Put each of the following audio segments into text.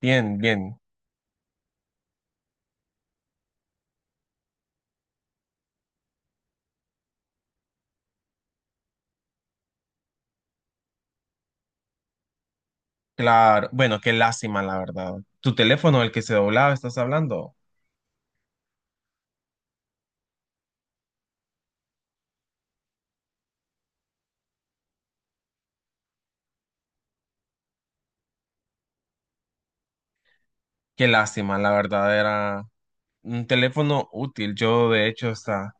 Bien, bien, claro. Bueno, qué lástima, la verdad. Tu teléfono, el que se doblaba, estás hablando. Qué lástima, la verdad, era un teléfono útil. Yo, de hecho, hasta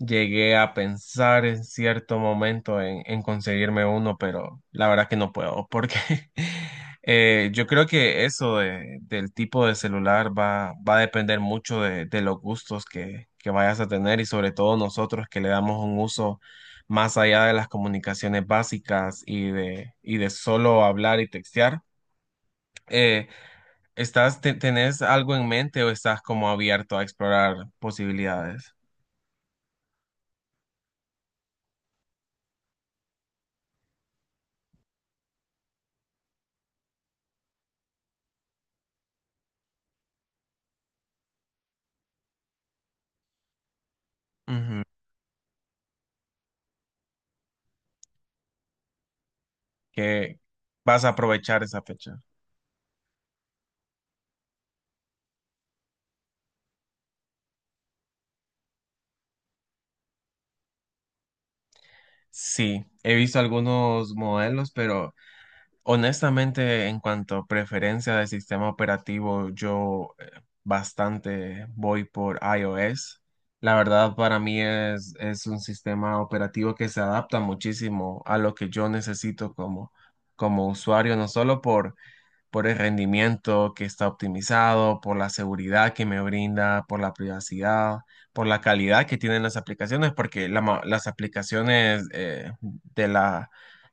llegué a pensar en cierto momento en conseguirme uno, pero la verdad que no puedo, porque yo creo que del tipo de celular va a depender mucho de los gustos que vayas a tener, y sobre todo nosotros que le damos un uso más allá de las comunicaciones básicas y de solo hablar y textear. Eh, ¿Estás, tenés algo en mente o estás como abierto a explorar posibilidades? Ujú. ¿Que vas a aprovechar esa fecha? Sí, he visto algunos modelos, pero honestamente en cuanto a preferencia de sistema operativo, yo bastante voy por iOS. La verdad, para mí es un sistema operativo que se adapta muchísimo a lo que yo necesito, como usuario, no solo por el rendimiento que está optimizado, por la seguridad que me brinda, por la privacidad, por la calidad que tienen las aplicaciones, porque las aplicaciones de la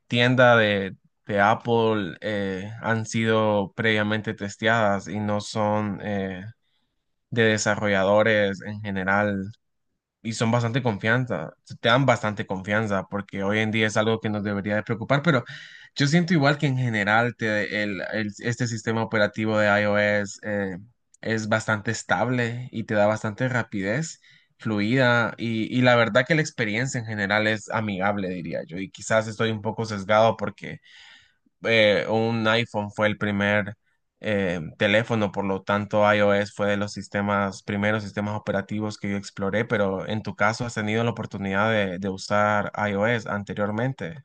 tienda de Apple han sido previamente testeadas y no son de desarrolladores en general, y son bastante confianza, te dan bastante confianza, porque hoy en día es algo que nos debería de preocupar. Pero yo siento igual que, en general, este sistema operativo de iOS es bastante estable y te da bastante rapidez fluida, y la verdad que la experiencia en general es amigable, diría yo, y quizás estoy un poco sesgado porque un iPhone fue el primer teléfono, por lo tanto iOS fue de los sistemas, primeros sistemas operativos que yo exploré. Pero en tu caso, ¿has tenido la oportunidad de usar iOS anteriormente?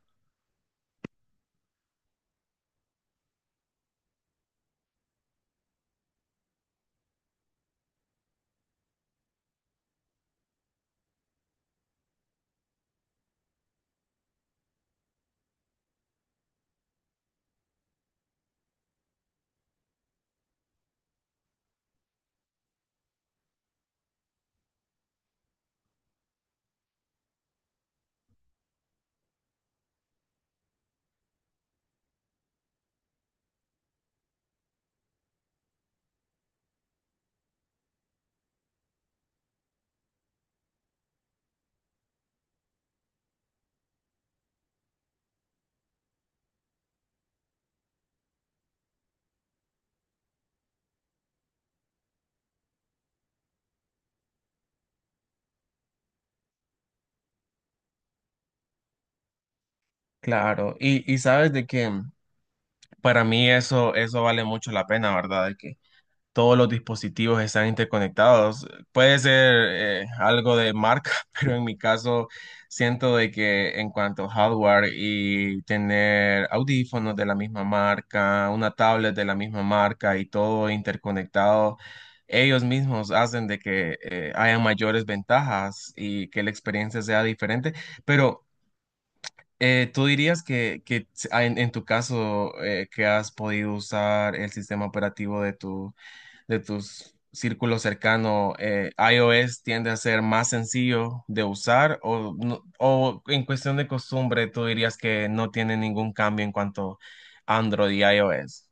Claro, y sabes de que para mí eso, eso vale mucho la pena, ¿verdad? De que todos los dispositivos están interconectados. Puede ser algo de marca, pero en mi caso siento de que en cuanto a hardware y tener audífonos de la misma marca, una tablet de la misma marca y todo interconectado, ellos mismos hacen de que haya mayores ventajas y que la experiencia sea diferente. Pero ¿tú dirías que en tu caso que has podido usar el sistema operativo de tu de tus círculos cercanos, iOS tiende a ser más sencillo de usar, o, o en cuestión de costumbre, tú dirías que no tiene ningún cambio en cuanto a Android y iOS?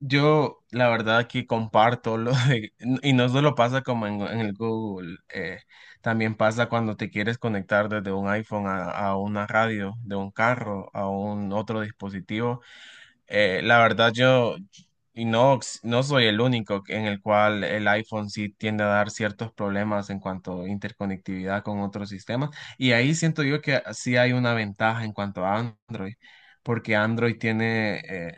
Yo, la verdad, aquí comparto lo de, y no solo pasa como en el Google, también pasa cuando te quieres conectar desde un iPhone a una radio, de un carro, a un otro dispositivo. La verdad, yo y no, no soy el único en el cual el iPhone sí tiende a dar ciertos problemas en cuanto a interconectividad con otros sistemas. Y ahí siento yo que sí hay una ventaja en cuanto a Android, porque Android tiene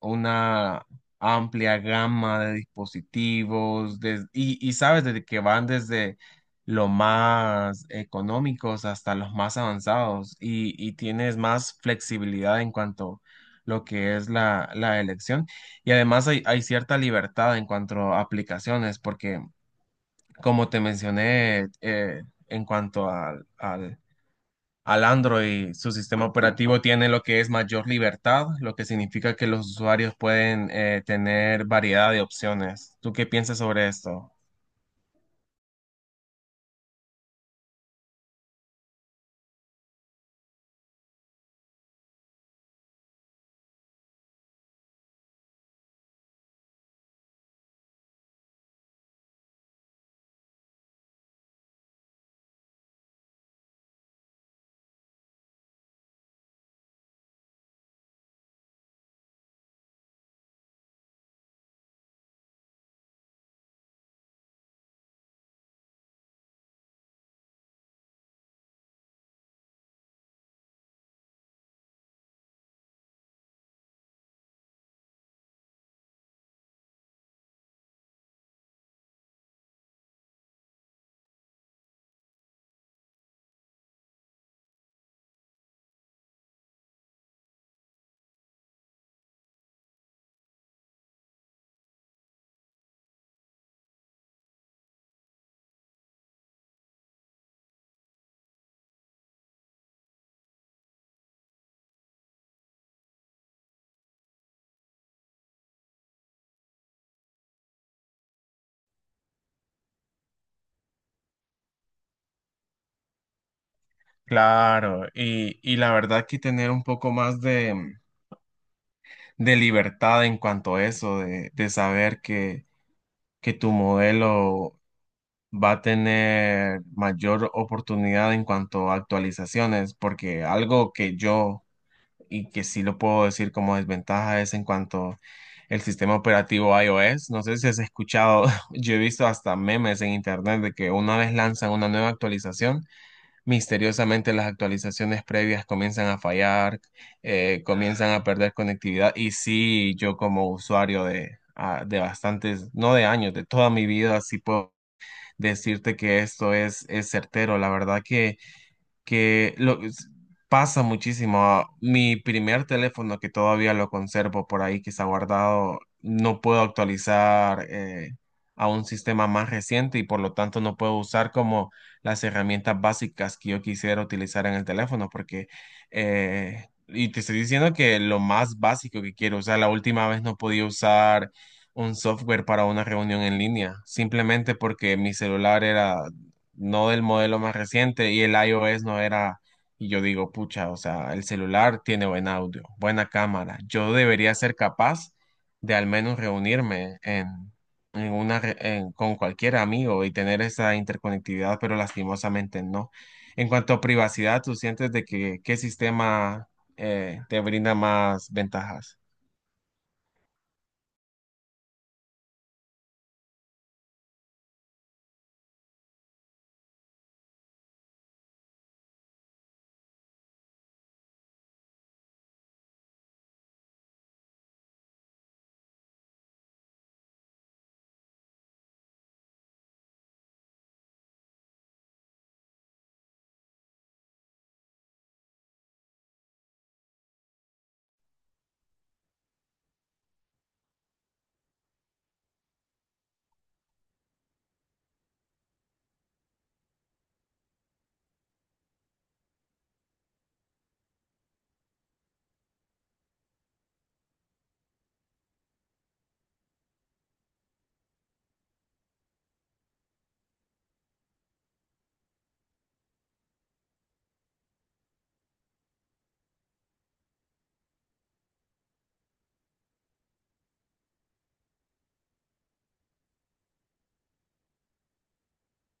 una amplia gama de dispositivos y sabes, desde que van desde los más económicos hasta los más avanzados, y tienes más flexibilidad en cuanto lo que es la elección. Y además hay, hay cierta libertad en cuanto a aplicaciones, porque como te mencioné, en cuanto al al Android, su sistema operativo tiene lo que es mayor libertad, lo que significa que los usuarios pueden tener variedad de opciones. ¿Tú qué piensas sobre esto? Claro, y la verdad que tener un poco más de libertad en cuanto a eso, de saber que tu modelo va a tener mayor oportunidad en cuanto a actualizaciones, porque algo que yo y que sí lo puedo decir como desventaja es en cuanto el sistema operativo iOS. No sé si has escuchado, yo he visto hasta memes en internet de que una vez lanzan una nueva actualización, misteriosamente las actualizaciones previas comienzan a fallar, comienzan a perder conectividad. Y sí, yo como usuario de, ah, de bastantes, no de años, de toda mi vida, sí puedo decirte que esto es certero. La verdad que lo, pasa muchísimo. Mi primer teléfono, que todavía lo conservo por ahí, que está guardado, no puedo actualizar a un sistema más reciente, y por lo tanto no puedo usar como las herramientas básicas que yo quisiera utilizar en el teléfono, porque y te estoy diciendo que lo más básico que quiero usar, la última vez no podía usar un software para una reunión en línea, simplemente porque mi celular era no del modelo más reciente y el iOS no era, y yo digo, pucha, o sea, el celular tiene buen audio, buena cámara, yo debería ser capaz de al menos reunirme en una, con cualquier amigo y tener esa interconectividad, pero lastimosamente no. En cuanto a privacidad, ¿tú sientes de que qué sistema te brinda más ventajas?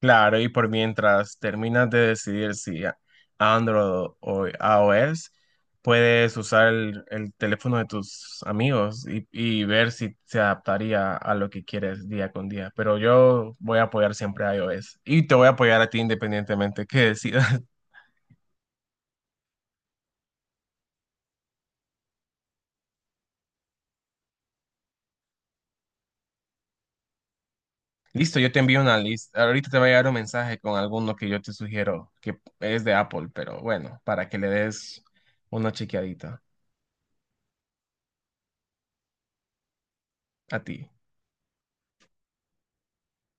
Claro, y por mientras terminas de decidir si Android o iOS, puedes usar el teléfono de tus amigos y ver si se adaptaría a lo que quieres día con día. Pero yo voy a apoyar siempre a iOS y te voy a apoyar a ti independientemente que decidas. Listo, yo te envío una lista. Ahorita te va a llegar un mensaje con alguno que yo te sugiero que es de Apple, pero bueno, para que le des una chequeadita a ti.